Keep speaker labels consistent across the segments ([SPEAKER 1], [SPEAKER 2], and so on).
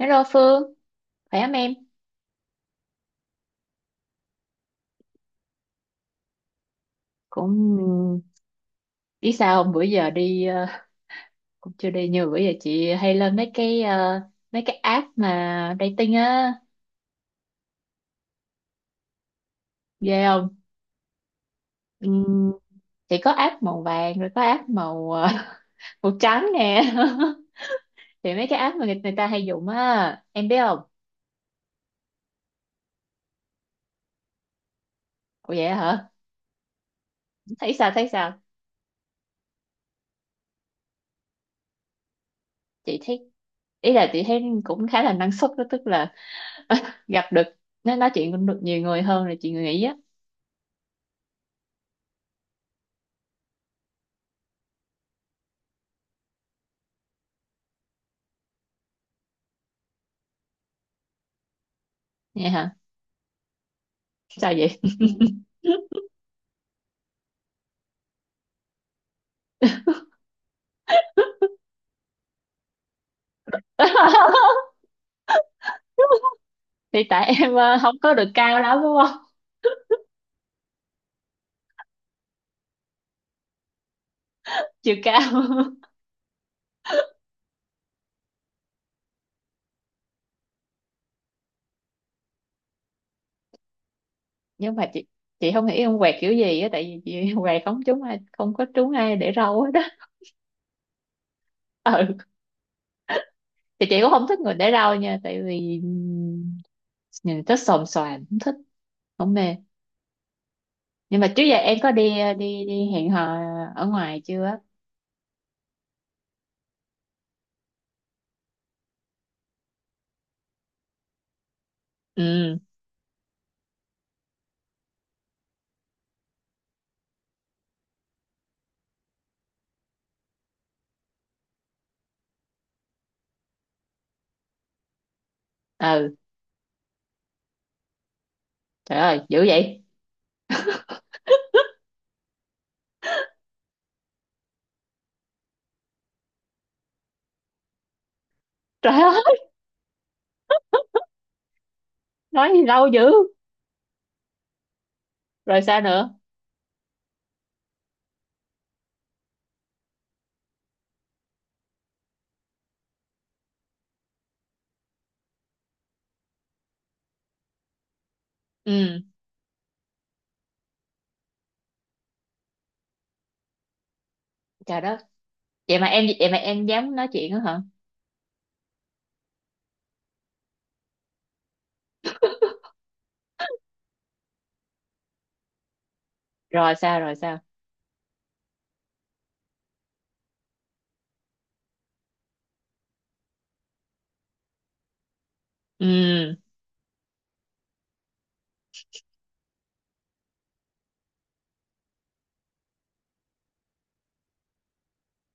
[SPEAKER 1] Hello Phương, khỏe không em? Cũng biết sao không? Bữa giờ đi cũng chưa đi nhiều bữa giờ chị hay lên mấy cái mấy cái app mà dating á, ghê không? Ừm, Chị có app màu vàng rồi có app màu màu trắng nè. Thì mấy cái app mà người ta hay dùng á, em biết không? Ủa vậy hả? Thấy sao thấy sao? Chị thấy, ý là chị thấy cũng khá là năng suất đó, tức là gặp được, nói chuyện được nhiều người hơn là chị nghĩ á. Nghe hả? Sao vậy? Thì tại em không có được cao lắm đúng không, chiều cao nhưng mà chị không nghĩ ông quẹt kiểu gì á, tại vì chị quẹt không trúng ai, không có trúng ai để râu hết á. Ừ thì chị cũng không thích người để râu nha, tại vì nhìn rất xồm xoàm, không thích, không mê. Nhưng mà trước giờ em có đi ờ, đi đi hẹn hò ở ngoài chưa? Ừ. Ừ. Trời ơi dữ vậy. Trời ơi, nói gì lâu dữ. Rồi sao nữa? Ừ. Trời đất. Vậy mà em dám nói chuyện đó hả? Rồi sao, rồi sao? Ừ.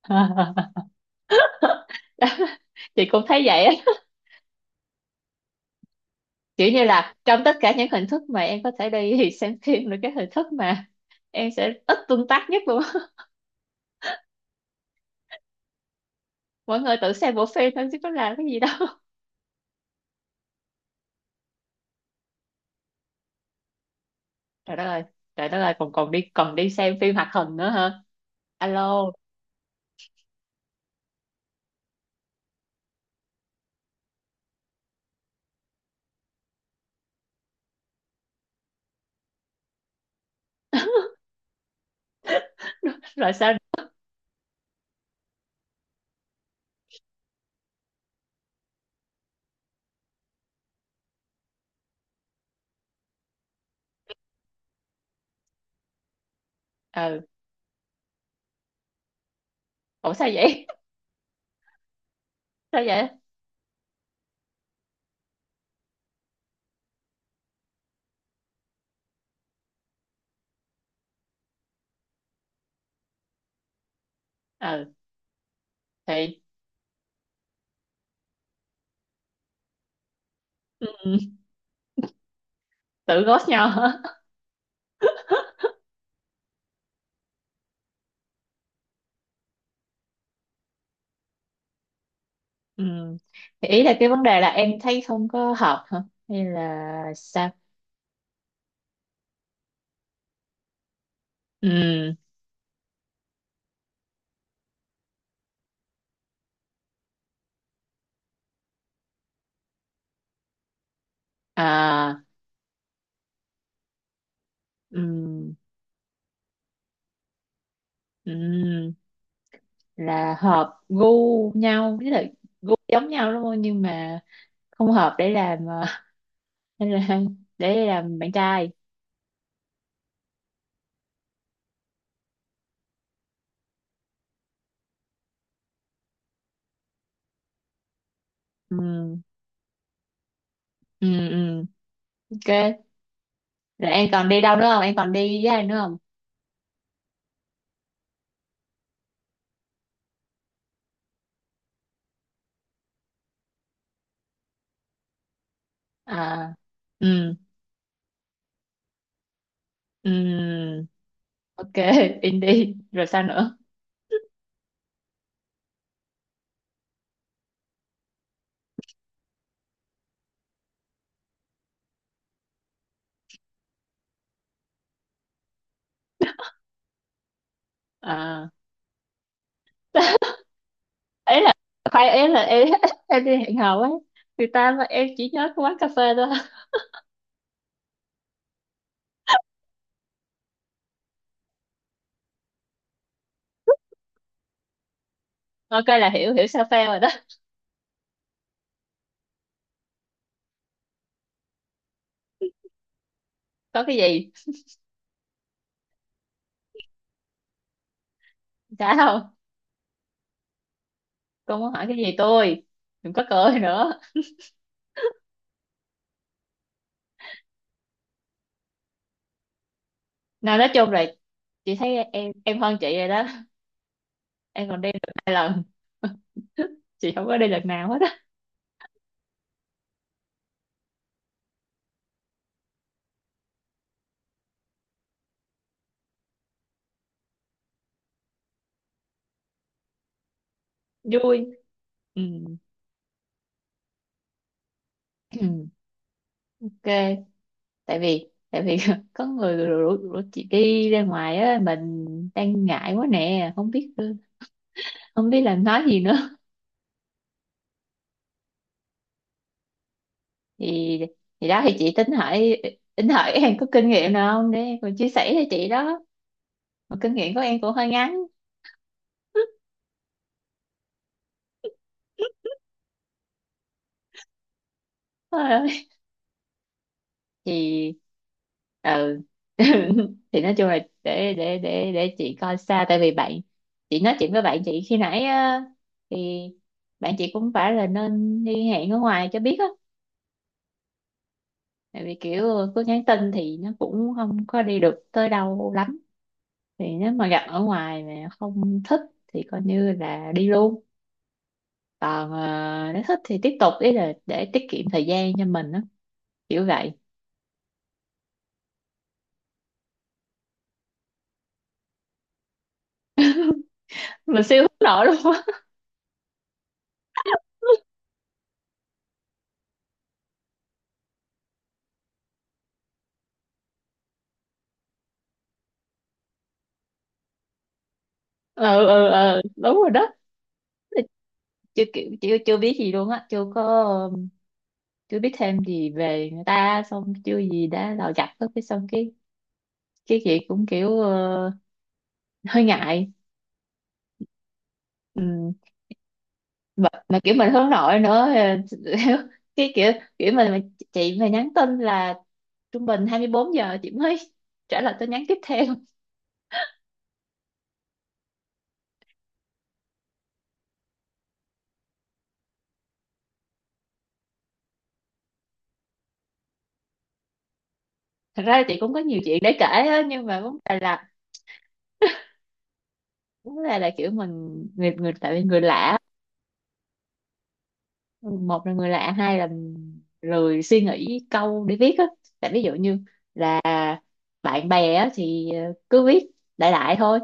[SPEAKER 1] Chị cũng thấy vậy á, kiểu như là trong tất cả những hình thức mà em có thể đi thì xem phim là cái hình thức mà em sẽ ít tương tác nhất luôn. Mọi người tự xem bộ phim thôi chứ có làm cái gì đâu. Trời đất ơi. Trời đất ơi, còn còn đi xem phim hoạt hình nữa hả? Alo. Rồi sao? Ừ. Ủa sao vậy? Sao vậy? Ừ thì ừ, ừ, tự ghost nhau hả? Ừ. Thì ý là cái vấn đề là em thấy không có hợp hả, hay là sao? Ừ. À. Ừ. Ừm, là hợp gu nhau, với lại gu giống nhau đúng không, nhưng mà không hợp để làm để làm bạn trai. Ừm, ừm, ừm, ok. Rồi em còn đi đâu nữa không, em còn đi với ai nữa không? À. Ừm, ừm, ok. In đi rồi sao nữa? À. Ấy là, khoan, ấy là em em đi hẹn hò ấy, người ta mà em chỉ nhớ cái quán cà phê thôi? Ok là hiểu, hiểu sao phê rồi đó. Có cái gì trả không? Cô muốn hỏi cái gì tôi? Đừng có cười nữa. Nào, nói chung là chị thấy em hơn chị rồi đó. Em còn đi được 2 lần, chị không có đi lần nào hết á. Vui. Ừ. Ok. Tại vì có người rủ, rủ chị đi ra ngoài á, mình đang ngại quá nè, không biết, không biết là nói gì nữa. thì thì đó, thì chị tính hỏi, em có kinh nghiệm nào không để em còn chia sẻ cho chị đó, mà kinh nghiệm của em cũng hơi ngắn. Thì ừ. Thì nói chung là để chị coi xa, tại vì bạn chị nói chuyện với bạn chị khi nãy á, thì bạn chị cũng phải là nên đi hẹn ở ngoài cho biết á, tại vì kiểu cứ nhắn tin thì nó cũng không có đi được tới đâu lắm. Thì nếu mà gặp ở ngoài mà không thích thì coi như là đi luôn, còn nếu thích thì tiếp tục, ý là để tiết kiệm thời gian cho mình á. Kiểu vậy. Mình siêu hướng nội luôn á. Ừ, ừ, ừ, đúng rồi đó. Chưa, kiểu chưa chưa biết gì luôn á, chưa có um, chưa biết thêm gì về người ta, xong chưa gì đã là gặp hết, cái xong cái chị cũng kiểu hơi ngại. Ừ. mà kiểu mình hướng nội nữa cái kiểu, kiểu mình mà, chị mà nhắn tin là trung bình 24 giờ chị mới trả lời tin nhắn tiếp theo. Thật ra là chị cũng có nhiều chuyện để kể á, nhưng mà vấn đề là, vấn đề là kiểu mình, người, người, tại vì người lạ. Một là người lạ, hai là lười suy nghĩ câu để viết á. Tại ví dụ như là bạn bè á thì cứ viết đại đại thôi,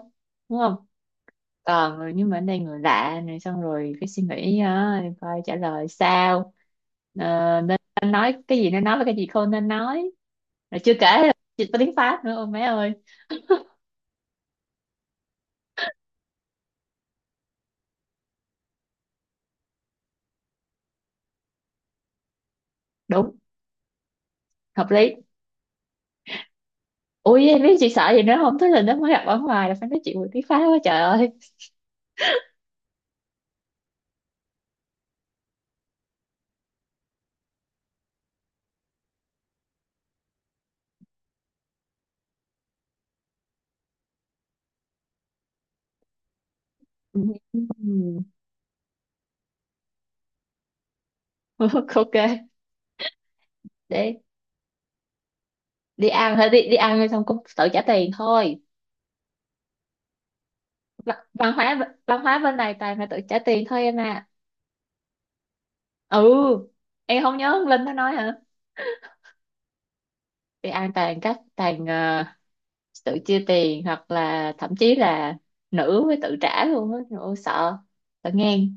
[SPEAKER 1] đúng không, còn nhưng mà ở đây người lạ này, xong rồi cái suy nghĩ á, coi trả lời sao. Ờ, nên, nên nói cái gì nên nói và cái gì không nên nói. Rồi chưa kể là chị tiếng Pháp nữa, ôi má ơi. Đúng. Hợp lý. Ui, biết chị sợ gì nữa không, thế là nó mới gặp ở ngoài là phải nói chuyện với tiếng Pháp quá, trời ơi. Ừ. Ok để đi ăn thôi, đi đi ăn xong cũng tự trả tiền thôi. Văn văn hóa bên này toàn là tự trả tiền thôi em à. Ừ. Em không nhớ ông Linh nó nói hả? Đi ăn toàn các, toàn tự chia tiền, hoặc là thậm chí là nữ với tự trả luôn á. Trời ơi, sợ, sợ ngang.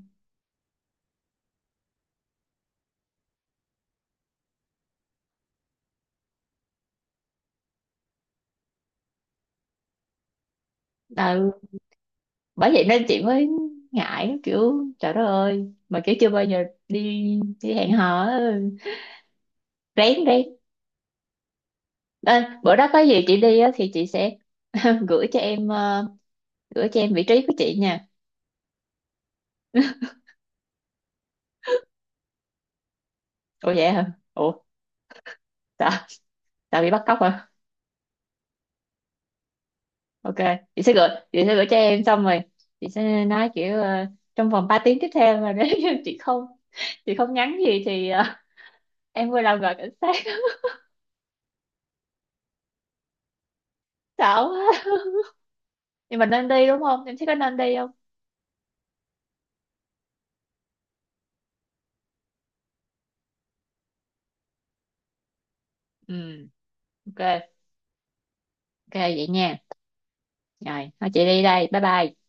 [SPEAKER 1] Ừ. Bởi vậy nên chị mới ngại, kiểu trời đất ơi, mà kiểu chưa bao giờ đi đi hẹn hò á, rén đi. À, bữa đó có gì chị đi á thì chị sẽ gửi cho em gửi cho em vị trí của chị nha. Ủa vậy hả? Ủa, sao? Sao bị bắt cóc hả? Ok, chị sẽ gửi cho em, xong rồi chị sẽ nói kiểu trong vòng 3 tiếng tiếp theo mà nếu như chị không nhắn gì thì em vừa làm gọi cảnh sát. Xạo quá. Nhưng mà nên đi đúng không? Em thấy có nên đi không? Ừ, ok, ok vậy nha. Rồi, thôi chị đi đây. Bye bye.